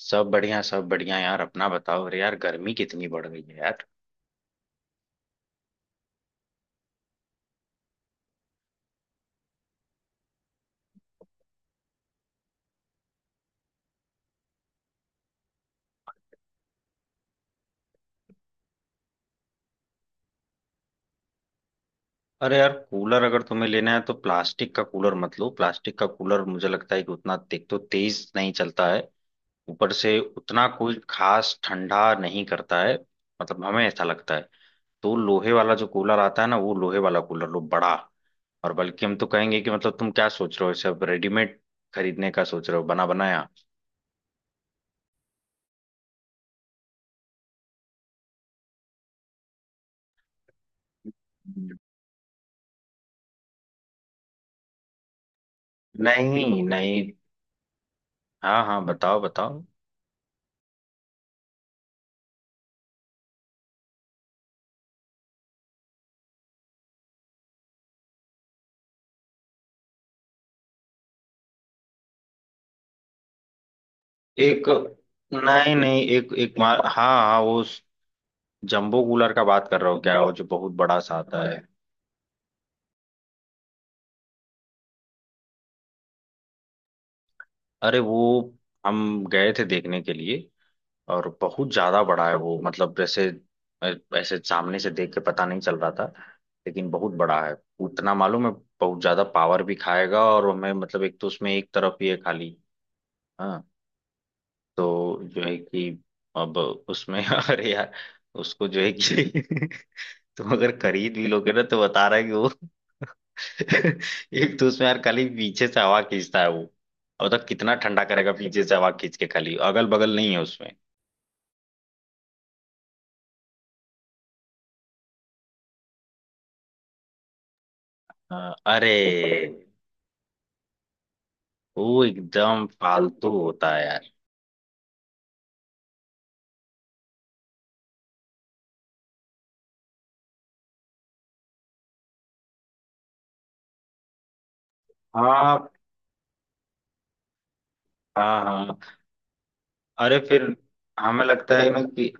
सब बढ़िया यार अपना बताओ। अरे यार गर्मी कितनी बढ़ गई है यार। अरे यार कूलर अगर तुम्हें लेना है तो प्लास्टिक का कूलर मत लो। प्लास्टिक का कूलर मुझे लगता है कि उतना एक तो तेज नहीं चलता है। ऊपर से उतना कोई खास ठंडा नहीं करता है। मतलब हमें ऐसा लगता है। तो लोहे वाला जो कूलर आता है ना, वो लोहे वाला कूलर लो बड़ा। और बल्कि हम तो कहेंगे कि मतलब तुम क्या सोच रहे हो, इसे अब रेडीमेड खरीदने का सोच रहे हो बना बनाया। हम्म। नहीं नहीं। हाँ हाँ बताओ बताओ। एक। नहीं नहीं एक एक मार, हाँ हाँ वो जंबो कूलर का बात कर रहा हूँ क्या, वो जो बहुत बड़ा सा आता है। अरे वो हम गए थे देखने के लिए और बहुत ज्यादा बड़ा है वो, मतलब जैसे ऐसे सामने से देख के पता नहीं चल रहा था, लेकिन बहुत बड़ा है उतना मालूम है। बहुत ज्यादा पावर भी खाएगा, और हमें मतलब एक तो उसमें एक तरफ ही है खाली। हाँ। तो जो है कि अब उसमें अरे यार उसको जो है कि तुम अगर खरीद भी लोगे ना, तो बता रहा है कि वो एक तो उसमें यार खाली पीछे से हवा खींचता है वो। और तक कितना ठंडा करेगा पीछे से हवा खींच के, खाली अगल बगल नहीं है उसमें। हाँ, अरे वो एकदम फालतू होता है यार। हाँ हाँ हाँ। अरे फिर हमें लगता है ना कि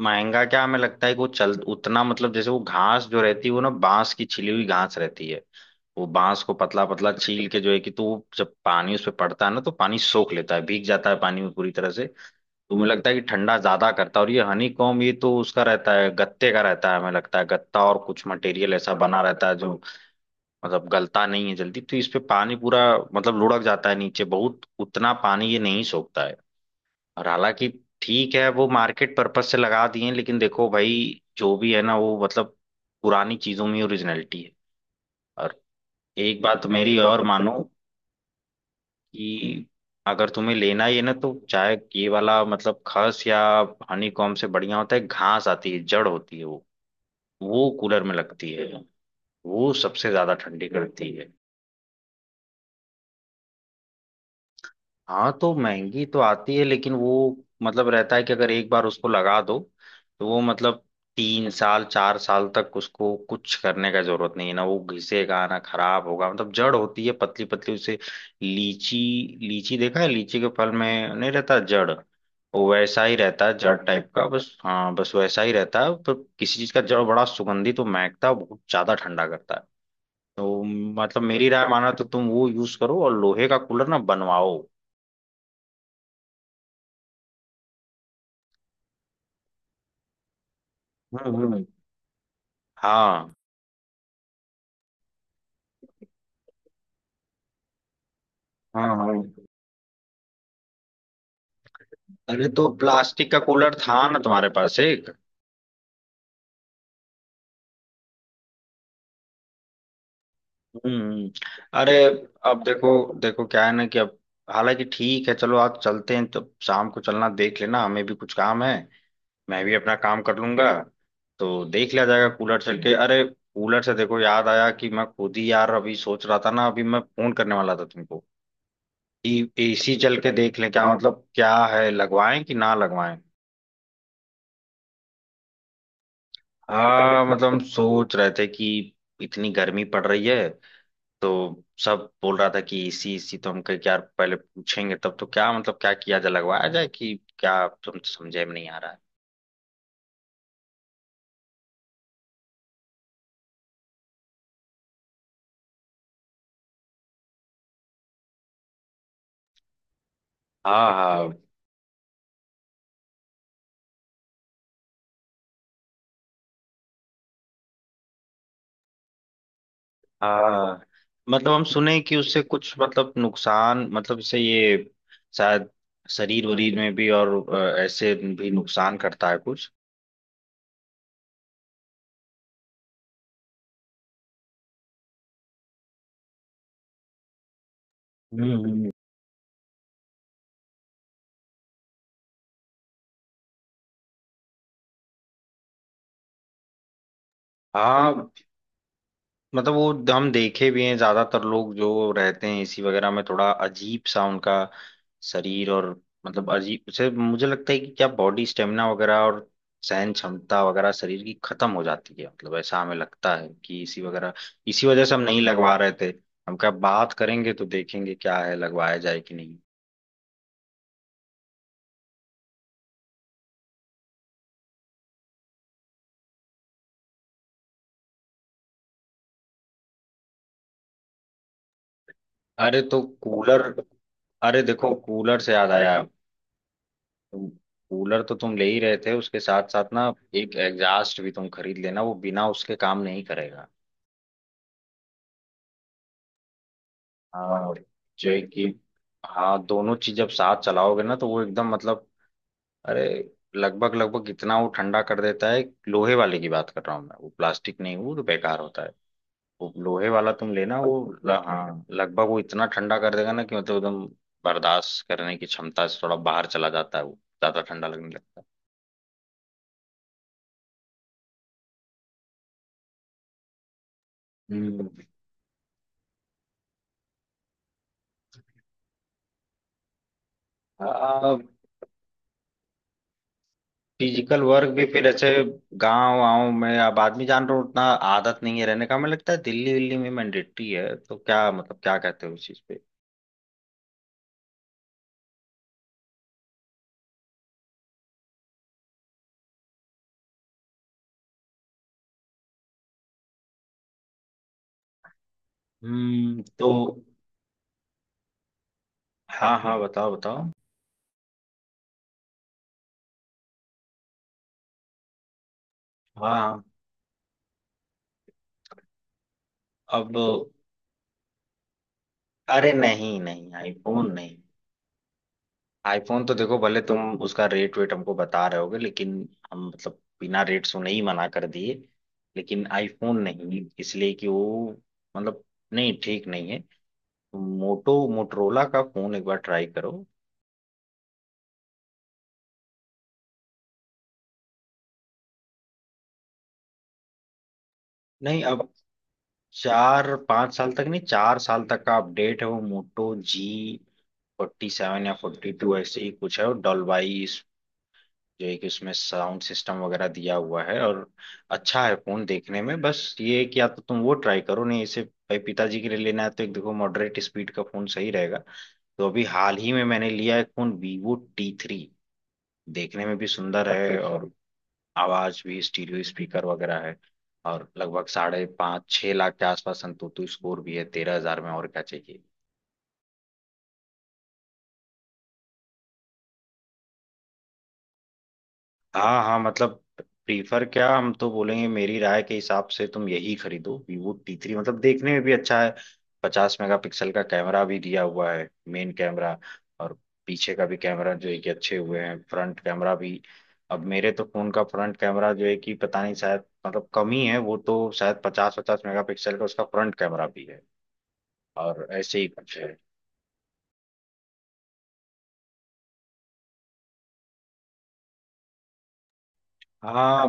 महंगा क्या, हमें लगता है कि वो चल उतना, मतलब जैसे वो घास जो रहती है वो ना बांस की छिली हुई घास रहती है। वो बांस को पतला पतला छील के जो है कि तो वो जब पानी उस पर पड़ता है ना, तो पानी सोख लेता है, भीग जाता है पानी में पूरी तरह से। तो मुझे लगता है कि ठंडा ज्यादा करता है, और ये हनी कॉम ये तो उसका रहता है गत्ते का रहता है, हमें लगता है गत्ता और कुछ मटेरियल ऐसा बना रहता है जो मतलब गलता नहीं है जल्दी, तो इस पे पानी पूरा मतलब लुढ़क जाता है नीचे, बहुत उतना पानी ये नहीं सोखता है। और हालांकि ठीक है, वो मार्केट पर्पज से लगा दिए हैं, लेकिन देखो भाई जो भी है ना वो मतलब पुरानी चीजों में ओरिजिनलिटी है। और एक बात मेरी और मानो कि अगर तुम्हें लेना ही है ना, तो चाहे ये वाला मतलब खस या हनी कॉम्ब से बढ़िया होता है घास, आती है जड़ होती है वो। वो कूलर में लगती है। वो सबसे ज्यादा ठंडी करती है। हाँ तो महंगी तो आती है, लेकिन वो मतलब रहता है कि अगर एक बार उसको लगा दो तो वो मतलब 3 साल 4 साल तक उसको कुछ करने का जरूरत नहीं है ना, वो घिसेगा ना खराब होगा, मतलब जड़ होती है पतली पतली उसे। लीची। लीची देखा है, लीची के फल में नहीं रहता जड़। वो वैसा ही रहता है जड़ टाइप का बस, हाँ बस वैसा ही रहता है, पर किसी चीज का जड़ बड़ा सुगंधित, तो महकता है, बहुत ज्यादा ठंडा करता है। तो मतलब मेरी राय माना तो तुम वो यूज करो और लोहे का कूलर ना बनवाओ। हम्म हम्म, हाँ हाँ हाँ। अरे तो प्लास्टिक का कूलर था ना तुम्हारे पास एक। हम्म। अरे अब देखो, देखो क्या है ना कि अब हालांकि ठीक है, चलो आज चलते हैं तो शाम को चलना, देख लेना हमें भी कुछ काम है। मैं भी अपना काम कर लूंगा। तो देख लिया जाएगा कूलर चल के। अरे कूलर से देखो याद आया कि मैं खुद ही यार अभी सोच रहा था ना, अभी मैं फोन करने वाला था तुमको कि एसी चल के देख लें क्या, मतलब क्या है, लगवाएं कि ना लगवाएं। हाँ मतलब हम सोच रहे थे कि इतनी गर्मी पड़ रही है तो सब बोल रहा था कि इसी इसी, तो हम कहे कि यार पहले पूछेंगे तब, तो क्या मतलब क्या किया जाए, लगवाया जाए कि क्या, तुम समझे में नहीं आ रहा है। हाँ हाँ हाँ मतलब हम सुने कि उससे कुछ मतलब नुकसान मतलब इससे ये शायद शरीर वरीर में भी और ऐसे भी नुकसान करता है कुछ। हम्म हम्म। हाँ मतलब वो हम देखे भी हैं ज्यादातर लोग जो रहते हैं एसी वगैरह में थोड़ा अजीब सा उनका शरीर, और मतलब अजीब उसे मुझे लगता है कि क्या बॉडी स्टेमिना वगैरह और सहन क्षमता वगैरह शरीर की खत्म हो जाती है, मतलब ऐसा हमें लगता है कि इसी वगैरह इसी वजह से हम नहीं लगवा रहे थे। हम क्या बात करेंगे तो देखेंगे क्या है, लगवाया जाए कि नहीं। अरे तो कूलर, अरे देखो कूलर से याद आया, कूलर तो तुम ले ही रहे थे, उसके साथ साथ ना एक एग्जास्ट भी तुम खरीद लेना, वो बिना उसके काम नहीं करेगा। हाँ जो है कि, हाँ दोनों चीज जब साथ चलाओगे ना तो वो एकदम मतलब, अरे लगभग लगभग इतना वो ठंडा कर देता है। लोहे वाले की बात कर रहा हूँ मैं, वो प्लास्टिक नहीं, वो तो बेकार होता है। वो लोहे वाला तुम लेना वो हाँ लगभग वो इतना ठंडा कर देगा ना कि मतलब एकदम बर्दाश्त करने की क्षमता से थोड़ा बाहर चला जाता है, वो ज्यादा ठंडा लगने लगता है। हम्म। फिजिकल वर्क भी फिर ऐसे गांव वाँव में अब आदमी जान रहा हूँ उतना आदत नहीं है रहने का, हमें लगता है दिल्ली विल्ली में मैंडेटरी है, तो क्या मतलब क्या कहते हो उस चीज पे। तो। हाँ हाँ बताओ बताओ। हाँ हाँ, अब अरे नहीं नहीं आईफोन नहीं। आईफोन तो देखो भले तुम उसका रेट वेट हमको बता रहे होगे, लेकिन हम मतलब बिना रेट सुने ही मना कर दिए, लेकिन आईफोन नहीं इसलिए कि वो मतलब नहीं ठीक नहीं है। मोटो मोटरोला का फोन एक बार ट्राई करो, नहीं अब 4-5 साल तक नहीं, 4 साल तक का अपडेट है, वो मोटो जी 47 या 42 ऐसे ही कुछ है, और डॉल्बाई इस- जो है कि उसमें साउंड सिस्टम वगैरह दिया हुआ है, और अच्छा है फोन देखने में, बस ये है कि या तो तुम वो ट्राई करो, नहीं इसे भाई पिताजी के लिए लेना है तो एक देखो मॉडरेट स्पीड का फोन सही रहेगा। तो अभी हाल ही में मैंने लिया एक फोन वीवो T3। देखने में भी सुंदर अच्छा है अच्छा, और आवाज भी स्टीरियो स्पीकर वगैरह है। और लगभग 5.5-6 लाख के आसपास संतुतु स्कोर भी है, 13 हज़ार में, और क्या चाहिए। हाँ हाँ मतलब प्रीफर क्या, हम तो बोलेंगे मेरी राय के हिसाब से तुम यही खरीदो वीवो T3, मतलब देखने में भी अच्छा है। 50 मेगापिक्सल का कैमरा भी दिया हुआ है मेन कैमरा। और पीछे का भी कैमरा जो है कि अच्छे हुए हैं, फ्रंट कैमरा भी। अब मेरे तो फोन का फ्रंट कैमरा जो है कि पता नहीं, शायद मतलब कम ही है, वो तो शायद 50 मेगापिक्सल का उसका फ्रंट कैमरा भी है। और ऐसे ही कुछ है। हाँ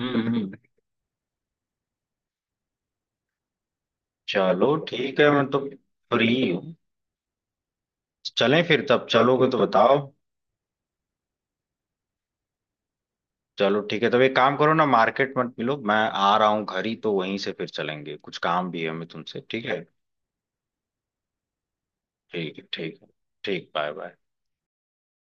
हम्म हम्म। चलो ठीक है मैं तो फ्री हूँ। चलें फिर, तब चलोगे तो बताओ। चलो ठीक है, तब एक काम करो ना, मार्केट मत मिलो, मैं आ रहा हूँ घर ही, तो वहीं से फिर चलेंगे, कुछ काम भी है हमें तुमसे, ठीक है। ठीक है ठीक है। ठीक बाय बाय।